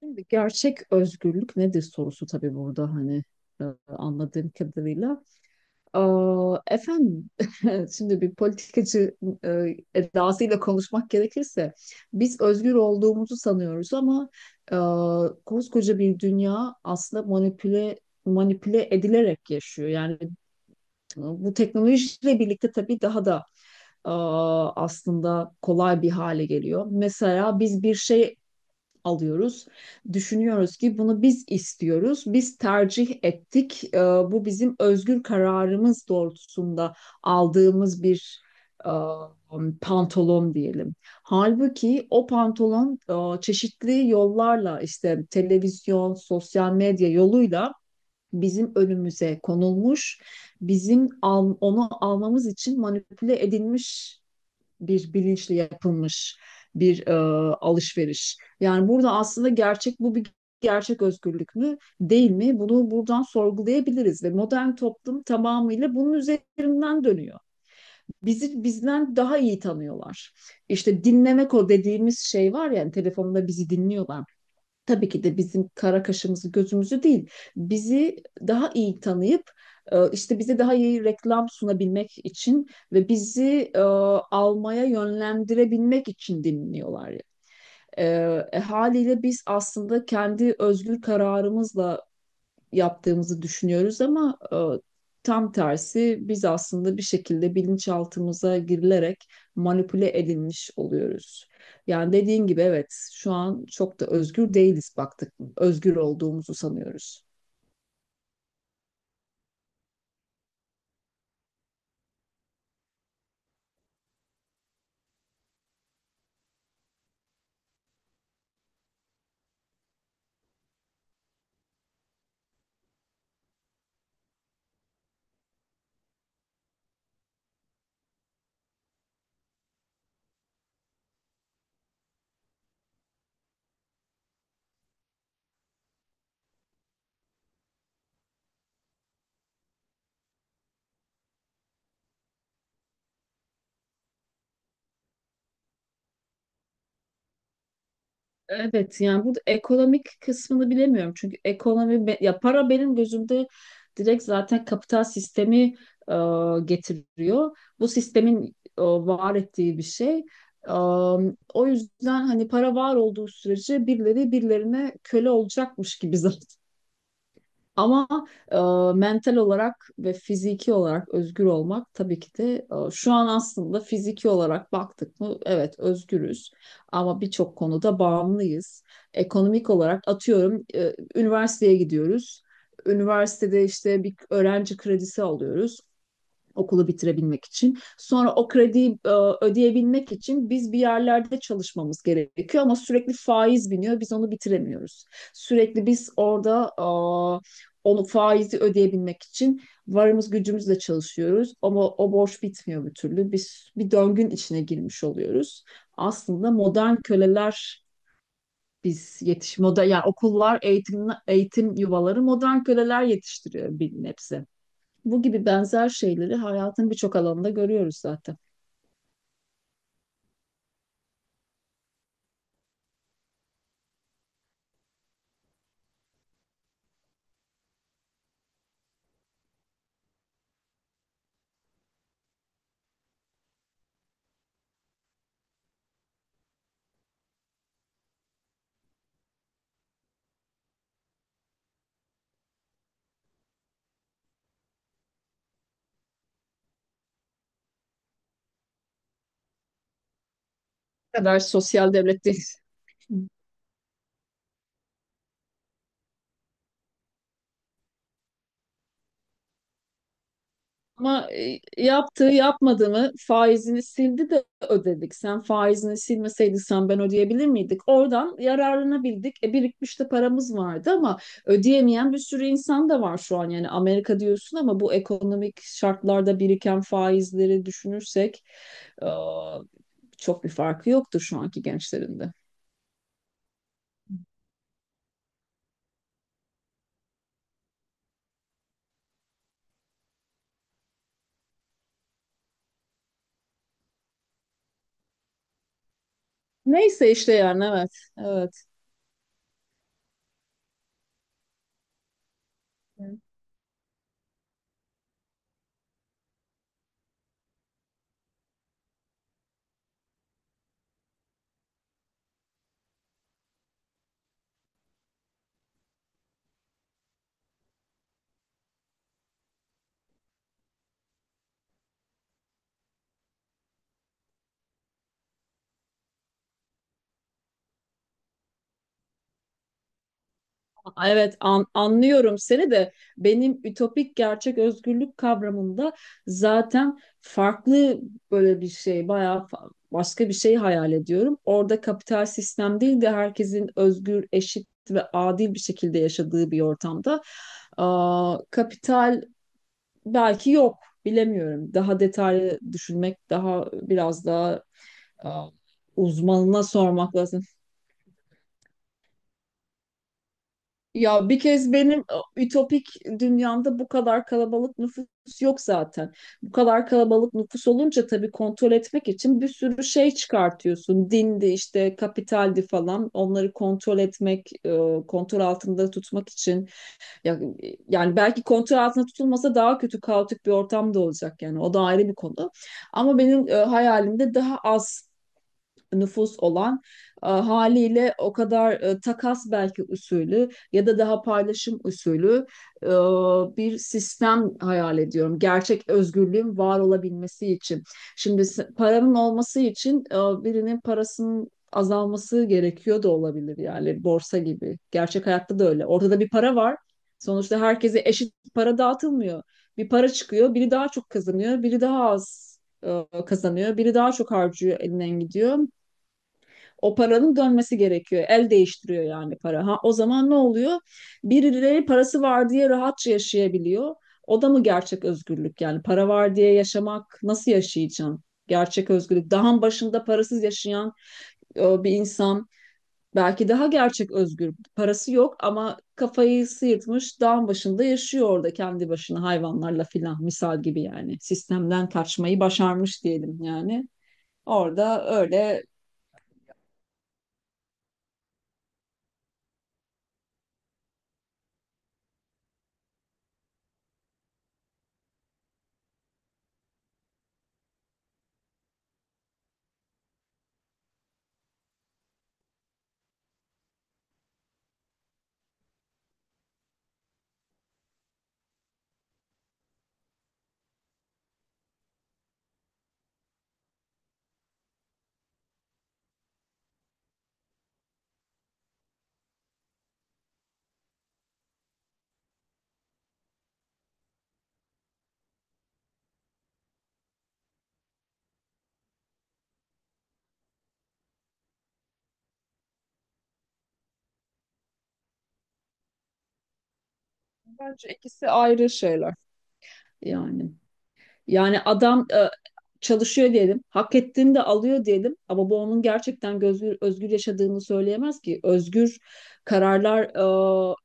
Şimdi gerçek özgürlük nedir sorusu tabii burada hani anladığım kadarıyla. Aa, efendim şimdi bir politikacı edasıyla konuşmak gerekirse biz özgür olduğumuzu sanıyoruz ama e, koskoca bir dünya aslında manipüle edilerek yaşıyor. Yani bu teknolojiyle birlikte tabii daha da e, aslında kolay bir hale geliyor. Mesela biz bir şey alıyoruz. Düşünüyoruz ki bunu biz istiyoruz, biz tercih ettik. Bu bizim özgür kararımız doğrultusunda aldığımız bir e, pantolon diyelim. Halbuki o pantolon çeşitli yollarla işte televizyon, sosyal medya yoluyla bizim önümüze konulmuş, onu almamız için manipüle edilmiş bir bilinçle yapılmış bir alışveriş. Yani burada aslında gerçek bu bir gerçek özgürlük mü değil mi? Bunu buradan sorgulayabiliriz ve modern toplum tamamıyla bunun üzerinden dönüyor. Bizi bizden daha iyi tanıyorlar. İşte dinlemek o dediğimiz şey var ya hani telefonda bizi dinliyorlar, tabii ki de bizim kara kaşımızı gözümüzü değil, bizi daha iyi tanıyıp, işte bize daha iyi reklam sunabilmek için ve bizi almaya yönlendirebilmek için dinliyorlar. E, Haliyle biz aslında kendi özgür kararımızla yaptığımızı düşünüyoruz ama tam tersi biz aslında bir şekilde bilinçaltımıza girilerek manipüle edilmiş oluyoruz. Yani dediğin gibi evet şu an çok da özgür değiliz baktık. Özgür olduğumuzu sanıyoruz. Evet, yani burada ekonomik kısmını bilemiyorum. Çünkü ya para benim gözümde direkt zaten kapital sistemi e, getiriyor. Bu sistemin var ettiği bir şey. E, O yüzden hani para var olduğu sürece birileri birilerine köle olacakmış gibi zaten ama e, mental olarak ve fiziki olarak özgür olmak tabii ki de, şu an aslında fiziki olarak baktık mı evet özgürüz ama birçok konuda bağımlıyız. Ekonomik olarak atıyorum, üniversiteye gidiyoruz. Üniversitede işte bir öğrenci kredisi alıyoruz okulu bitirebilmek için. Sonra o krediyi ödeyebilmek için biz bir yerlerde çalışmamız gerekiyor ama sürekli faiz biniyor. Biz onu bitiremiyoruz. Sürekli biz orada onu faizi ödeyebilmek için varımız gücümüzle çalışıyoruz ama o borç bitmiyor bir türlü. Biz bir döngün içine girmiş oluyoruz. Aslında modern köleler biz yetiş moda, yani okullar, eğitim yuvaları modern köleler yetiştiriyor bir nebze. Bu gibi benzer şeyleri hayatın birçok alanında görüyoruz zaten. Ne kadar sosyal devletteyiz. Ama yaptığı yapmadığını faizini sildi de ödedik. Sen faizini silmeseydin sen ben ödeyebilir miydik? Oradan yararlanabildik. E, birikmiş de paramız vardı ama ödeyemeyen bir sürü insan da var şu an. Yani Amerika diyorsun ama bu ekonomik şartlarda biriken faizleri düşünürsek e, çok bir farkı yoktur şu anki gençlerin de. Neyse işte yani evet. Evet. Anlıyorum seni de benim ütopik gerçek özgürlük kavramında zaten farklı böyle bir şey bayağı, başka bir şey hayal ediyorum. Orada kapital sistem değil de herkesin özgür, eşit ve adil bir şekilde yaşadığı bir ortamda. Aa, kapital belki yok, bilemiyorum. Daha detaylı düşünmek, daha biraz daha, aa, uzmanına sormak lazım. Ya bir kez benim ütopik dünyamda bu kadar kalabalık nüfus yok zaten. Bu kadar kalabalık nüfus olunca tabii kontrol etmek için bir sürü şey çıkartıyorsun. Dindi, işte kapitaldi, falan. Onları kontrol etmek, kontrol altında tutmak için. Ya, yani belki kontrol altında tutulmasa daha kötü kaotik bir ortam da olacak, yani o da ayrı bir konu. Ama benim hayalimde daha az nüfus olan, haliyle o kadar, takas belki usulü ya da daha paylaşım usulü, e, bir sistem hayal ediyorum. Gerçek özgürlüğün var olabilmesi için. Paranın olması için, birinin parasının azalması gerekiyor da olabilir, yani borsa gibi. Gerçek hayatta da öyle. Ortada bir para var. Sonuçta herkese eşit para dağıtılmıyor. Bir para çıkıyor, biri daha çok kazanıyor, biri daha az kazanıyor, biri daha çok harcıyor, elinden gidiyor. O paranın dönmesi gerekiyor. El değiştiriyor yani para. Ha, o zaman ne oluyor? Birileri parası var diye rahatça yaşayabiliyor. O da mı gerçek özgürlük? Yani para var diye yaşamak, nasıl yaşayacaksın? Gerçek özgürlük. Dağın başında parasız yaşayan bir insan belki daha gerçek özgür. Parası yok ama kafayı sıyırtmış, dağın başında yaşıyor orada kendi başına hayvanlarla filan, misal gibi yani. Sistemden kaçmayı başarmış diyelim yani. Orada öyle, bence ikisi ayrı şeyler. Yani yani adam çalışıyor diyelim, hak ettiğini de alıyor diyelim ama bu onun gerçekten özgür yaşadığını söyleyemez ki. Özgür kararlar e,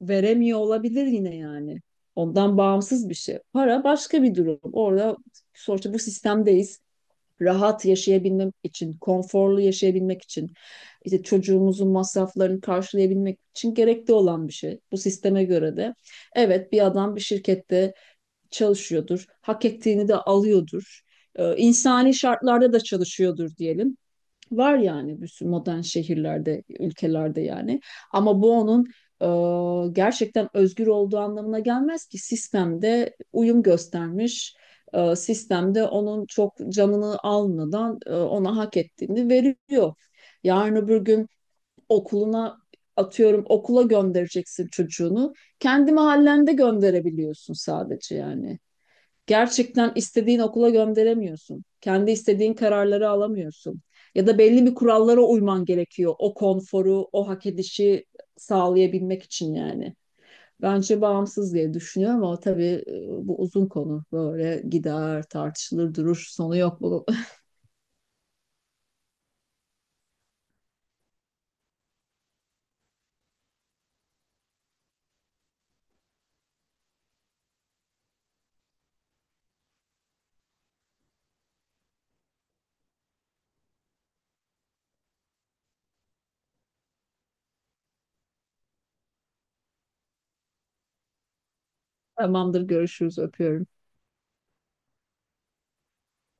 veremiyor olabilir yine yani. Ondan bağımsız bir şey. Para başka bir durum. Orada sonuçta bu sistemdeyiz. Rahat yaşayabilmek için, konforlu yaşayabilmek için, işte çocuğumuzun masraflarını karşılayabilmek için gerekli olan bir şey. Bu sisteme göre de. Evet, bir adam bir şirkette çalışıyordur, hak ettiğini de alıyordur, insani şartlarda da çalışıyordur diyelim. Var yani bir sürü modern şehirlerde, ülkelerde yani. Ama bu onun gerçekten özgür olduğu anlamına gelmez ki sistemde uyum göstermiş, sistemde onun çok canını almadan ona hak ettiğini veriyor. Yarın öbür gün okuluna atıyorum, okula göndereceksin çocuğunu. Kendi mahallende gönderebiliyorsun sadece yani. Gerçekten istediğin okula gönderemiyorsun. Kendi istediğin kararları alamıyorsun. Ya da belli bir kurallara uyman gerekiyor. O konforu, o hak edişi sağlayabilmek için yani. Bence bağımsız diye düşünüyorum ama tabii bu uzun konu. Böyle gider, tartışılır, durur, sonu yok bunun. Tamamdır, görüşürüz, öpüyorum.